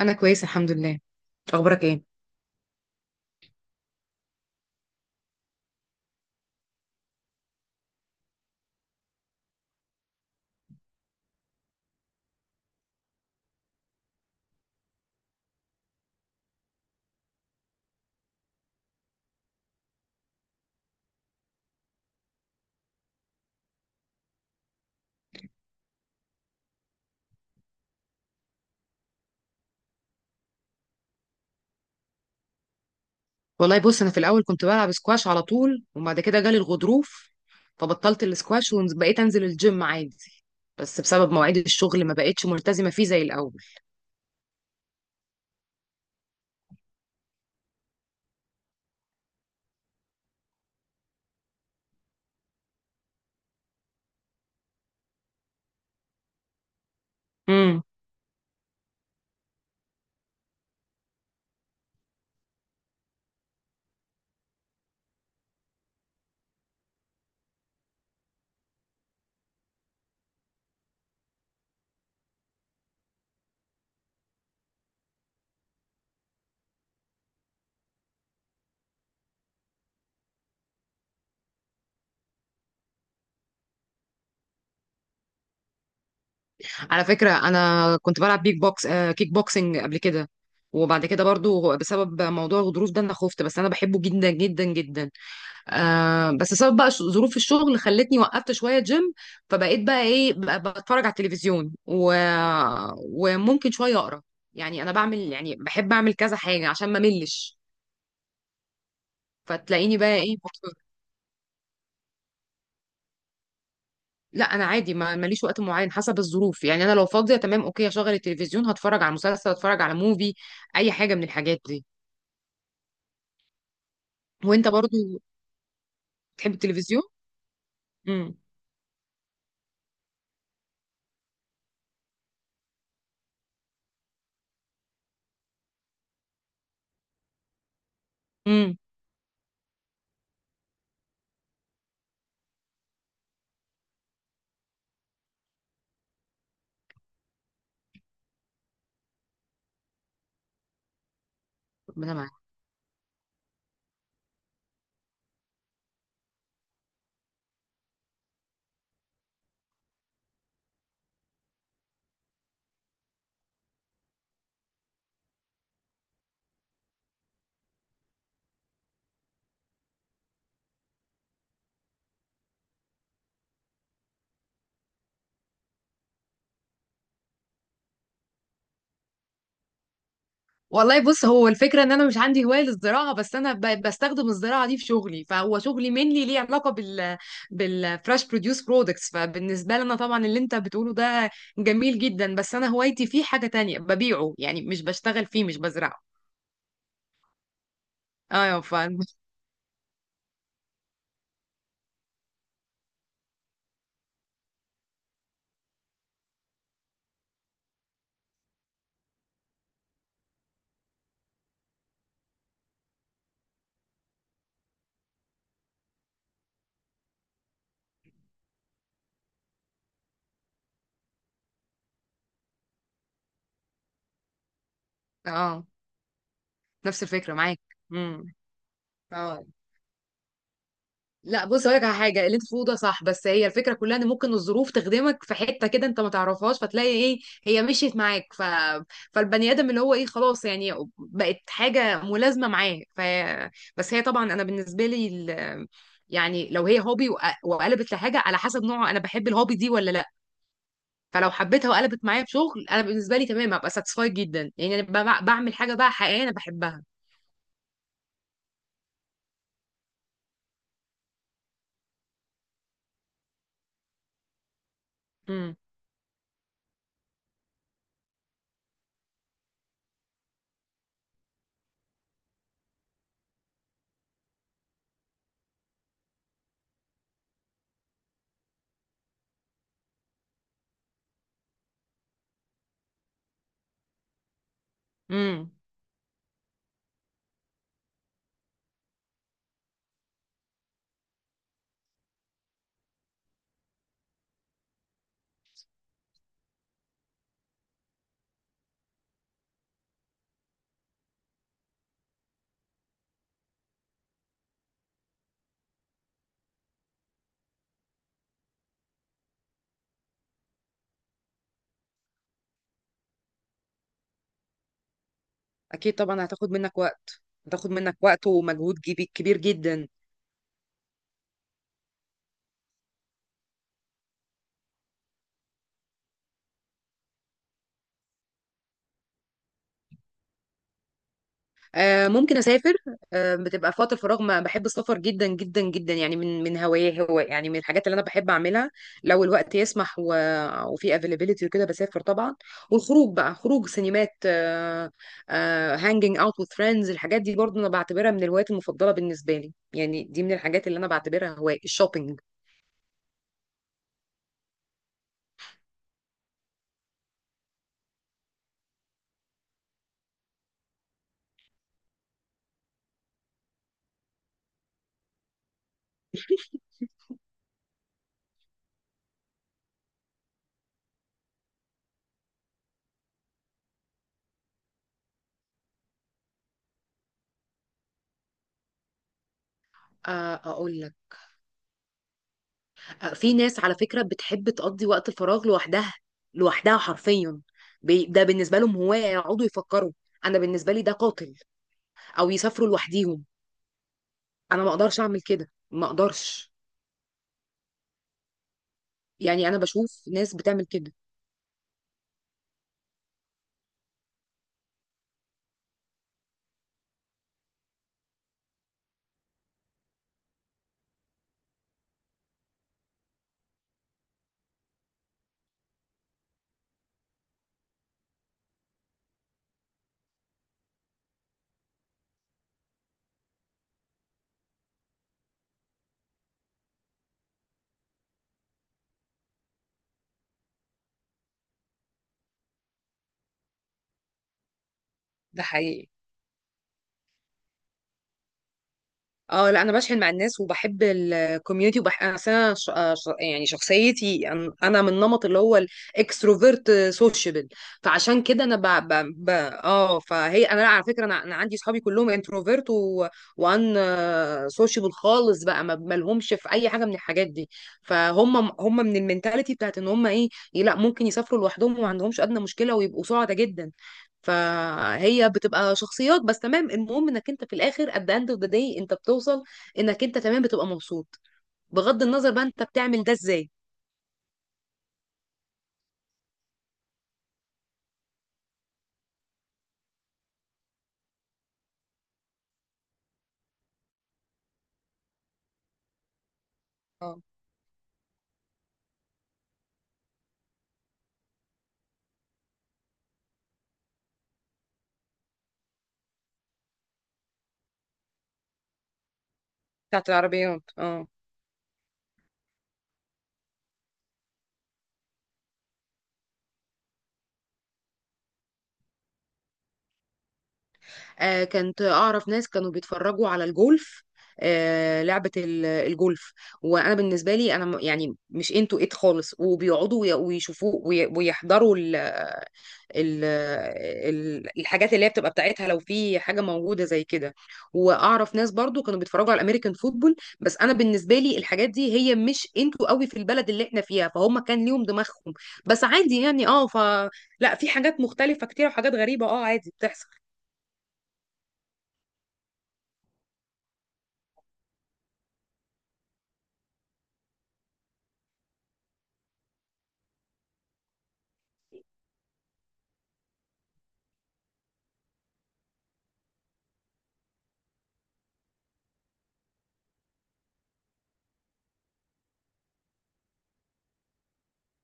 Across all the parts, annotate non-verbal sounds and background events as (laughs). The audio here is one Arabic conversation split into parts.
انا كويسه الحمد لله. اخبارك ايه؟ والله بص، انا في الاول كنت بلعب سكواش على طول، وبعد كده جالي الغضروف فبطلت السكواش وبقيت انزل الجيم عادي، بس بسبب مواعيد الشغل ما بقتش ملتزمه فيه زي الاول. امم على فكره انا كنت بلعب بيك بوكس كيك بوكسنج قبل كده، وبعد كده برضو بسبب موضوع الغضروف ده انا خفت، بس انا بحبه جدا جدا جدا. بس سبب بقى ظروف الشغل خلتني وقفت شويه جيم، فبقيت بقى ايه بقى بتفرج على التلفزيون. وممكن شويه اقرا، يعني انا بعمل يعني بحب اعمل كذا حاجه عشان ما ملش. فتلاقيني بقى ايه بتفرج. لا انا عادي، ما ماليش وقت معين، حسب الظروف. يعني انا لو فاضيه تمام، اوكي، هشغل التلفزيون، هتفرج على مسلسل، هتفرج على موفي، اي حاجه من الحاجات دي. وانت برضو بتحب التلفزيون؟ امم. امم. ربنا معاك. والله بص، هو الفكرة ان انا مش عندي هواية للزراعة، بس انا بستخدم الزراعة دي في شغلي، فهو شغلي mainly ليه علاقة بال بالفريش بروديوس برودكتس. فبالنسبة لي انا طبعا اللي انت بتقوله ده جميل جدا، بس انا هوايتي فيه حاجة تانية، ببيعه يعني، مش بشتغل فيه، مش بزرعه. اه ف (laughs) اه نفس الفكرة معاك. امم. لا بص هقولك على حاجه، اللي انت بتقوله ده صح، بس هي الفكره كلها ان ممكن الظروف تخدمك في حته كده انت ما تعرفهاش، فتلاقي ايه هي مشيت معاك. فالبني ادم اللي هو ايه خلاص يعني بقت حاجه ملازمه معاه. بس هي طبعا انا بالنسبه لي. يعني لو هي هوبي وقلبت لحاجه، على حسب نوعه انا بحب الهوبي دي ولا لا. فلو حبيتها وقلبت معايا في شغل، انا بالنسبه لي تمام، هبقى ساتسفايد جدا. يعني انا بعمل حاجه بقى حقيقيه انا بحبها. امم. إمم. اكيد طبعا هتاخد منك وقت. هتاخد منك وقت ومجهود كبير جدا. آه، ممكن اسافر. آه، بتبقى في وقت الفراغ، ما بحب السفر جدا جدا جدا، يعني من هوايه، هو يعني من الحاجات اللي انا بحب اعملها لو الوقت يسمح, وفي افيلابيلتي وكده، بسافر طبعا. والخروج بقى، خروج سينمات، آه، آه، هانجينج اوت وذ فريندز، الحاجات دي برضو انا بعتبرها من الهوايات المفضله بالنسبه لي، يعني دي من الحاجات اللي انا بعتبرها هوايه. الشوبينج؟ اقول لك، في ناس على فكرة بتحب تقضي وقت الفراغ لوحدها، لوحدها حرفيا، ده بالنسبة لهم هواية، يقعدوا يفكروا. أنا بالنسبة لي ده قاتل. أو يسافروا لوحديهم. أنا ما أقدرش أعمل كده، ما أقدرش. يعني أنا بشوف ناس بتعمل كده. ده حقيقي. اه لا انا بشحن مع الناس وبحب الكوميونتي، وبح انا أصل أنا يعني شخصيتي انا من النمط اللي هو الاكستروفرت سوشيبل. فعشان كده انا ب... ب... ب... اه فهي انا لا، على فكره أنا عندي صحابي كلهم انتروفرت وان سوشيبل خالص بقى، ما لهمش في اي حاجه من الحاجات دي. فهم هم من المنتاليتي بتاعت ان هم ايه، لا ممكن يسافروا لوحدهم، وما عندهمش ادنى مشكله، ويبقوا سعداء جدا. فهي بتبقى شخصيات بس تمام. المهم انك انت في الاخر، at the end of the day، انت بتوصل انك انت تمام، بتبقى مبسوط، بغض النظر بقى انت بتعمل ده ازاي. اه بتاعت العربيات، اه. آه، كنت اعرف ناس كانوا بيتفرجوا على الجولف، آه، لعبة الجولف، وانا بالنسبة لي انا يعني مش انتو ات خالص، وبيقعدوا ويشوفوه ويحضروا ال- الحاجات اللي هي بتبقى بتاعتها لو في حاجه موجوده زي كده. واعرف ناس برضو كانوا بيتفرجوا على الامريكان فوتبول، بس انا بالنسبه لي الحاجات دي هي مش انتوا قوي في البلد اللي احنا فيها، فهم كان ليهم دماغهم. بس عادي يعني، اه ف لا، في حاجات مختلفه كتير وحاجات غريبه، اه عادي بتحصل.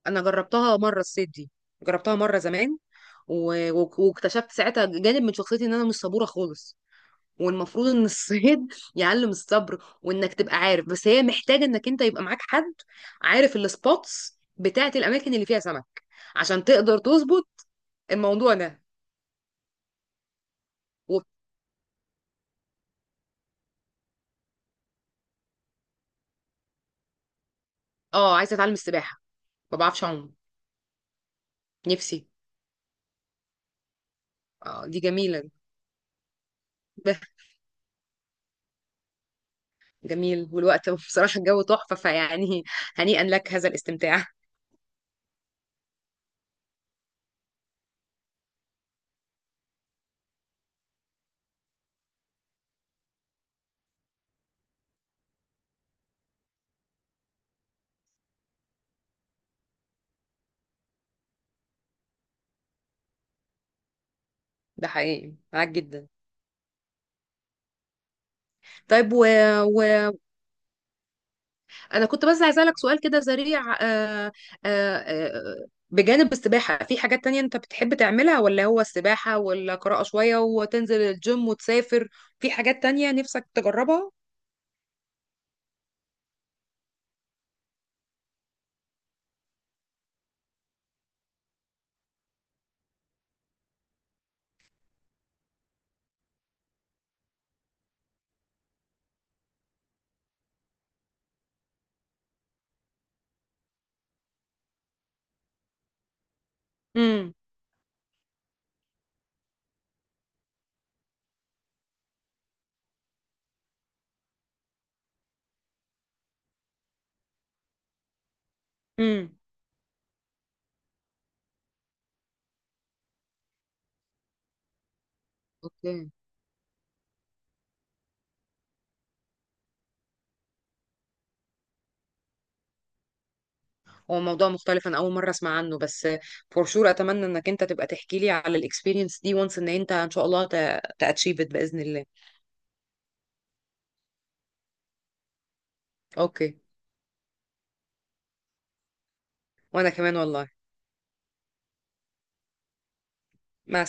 انا جربتها مره الصيد دي، جربتها مره زمان، واكتشفت ساعتها جانب من شخصيتي ان انا مش صبوره خالص. والمفروض ان الصيد (laughs) يعلم الصبر، وانك تبقى عارف، بس هي محتاجه انك انت يبقى معاك حد عارف السبوتس بتاعه الاماكن اللي فيها سمك، عشان تقدر تظبط الموضوع ده و... اه عايزه اتعلم السباحه، ما بعرفش اعوم. نفسي. اه دي جميله. به. جميل، والوقت (laughs) بصراحه الجو تحفه فيعني. هنيئا لك هذا الاستمتاع. ده حقيقي معاك جدا. طيب و... انا كنت بس عايزه اسالك سؤال كده سريع، آه، بجانب السباحه في حاجات تانية انت بتحب تعملها، ولا هو السباحه ولا قراءه شويه وتنزل الجيم وتسافر؟ في حاجات تانية نفسك تجربها؟ امم. امم. اوكي. هو موضوع مختلف، انا اول مره اسمع عنه، بس فور شور اتمنى انك انت تبقى تحكي لي على الاكسبيرينس دي، وانس ان انت ان شاء الله تاتشيفت باذن الله. اوكي. وانا كمان والله. مع السلامه.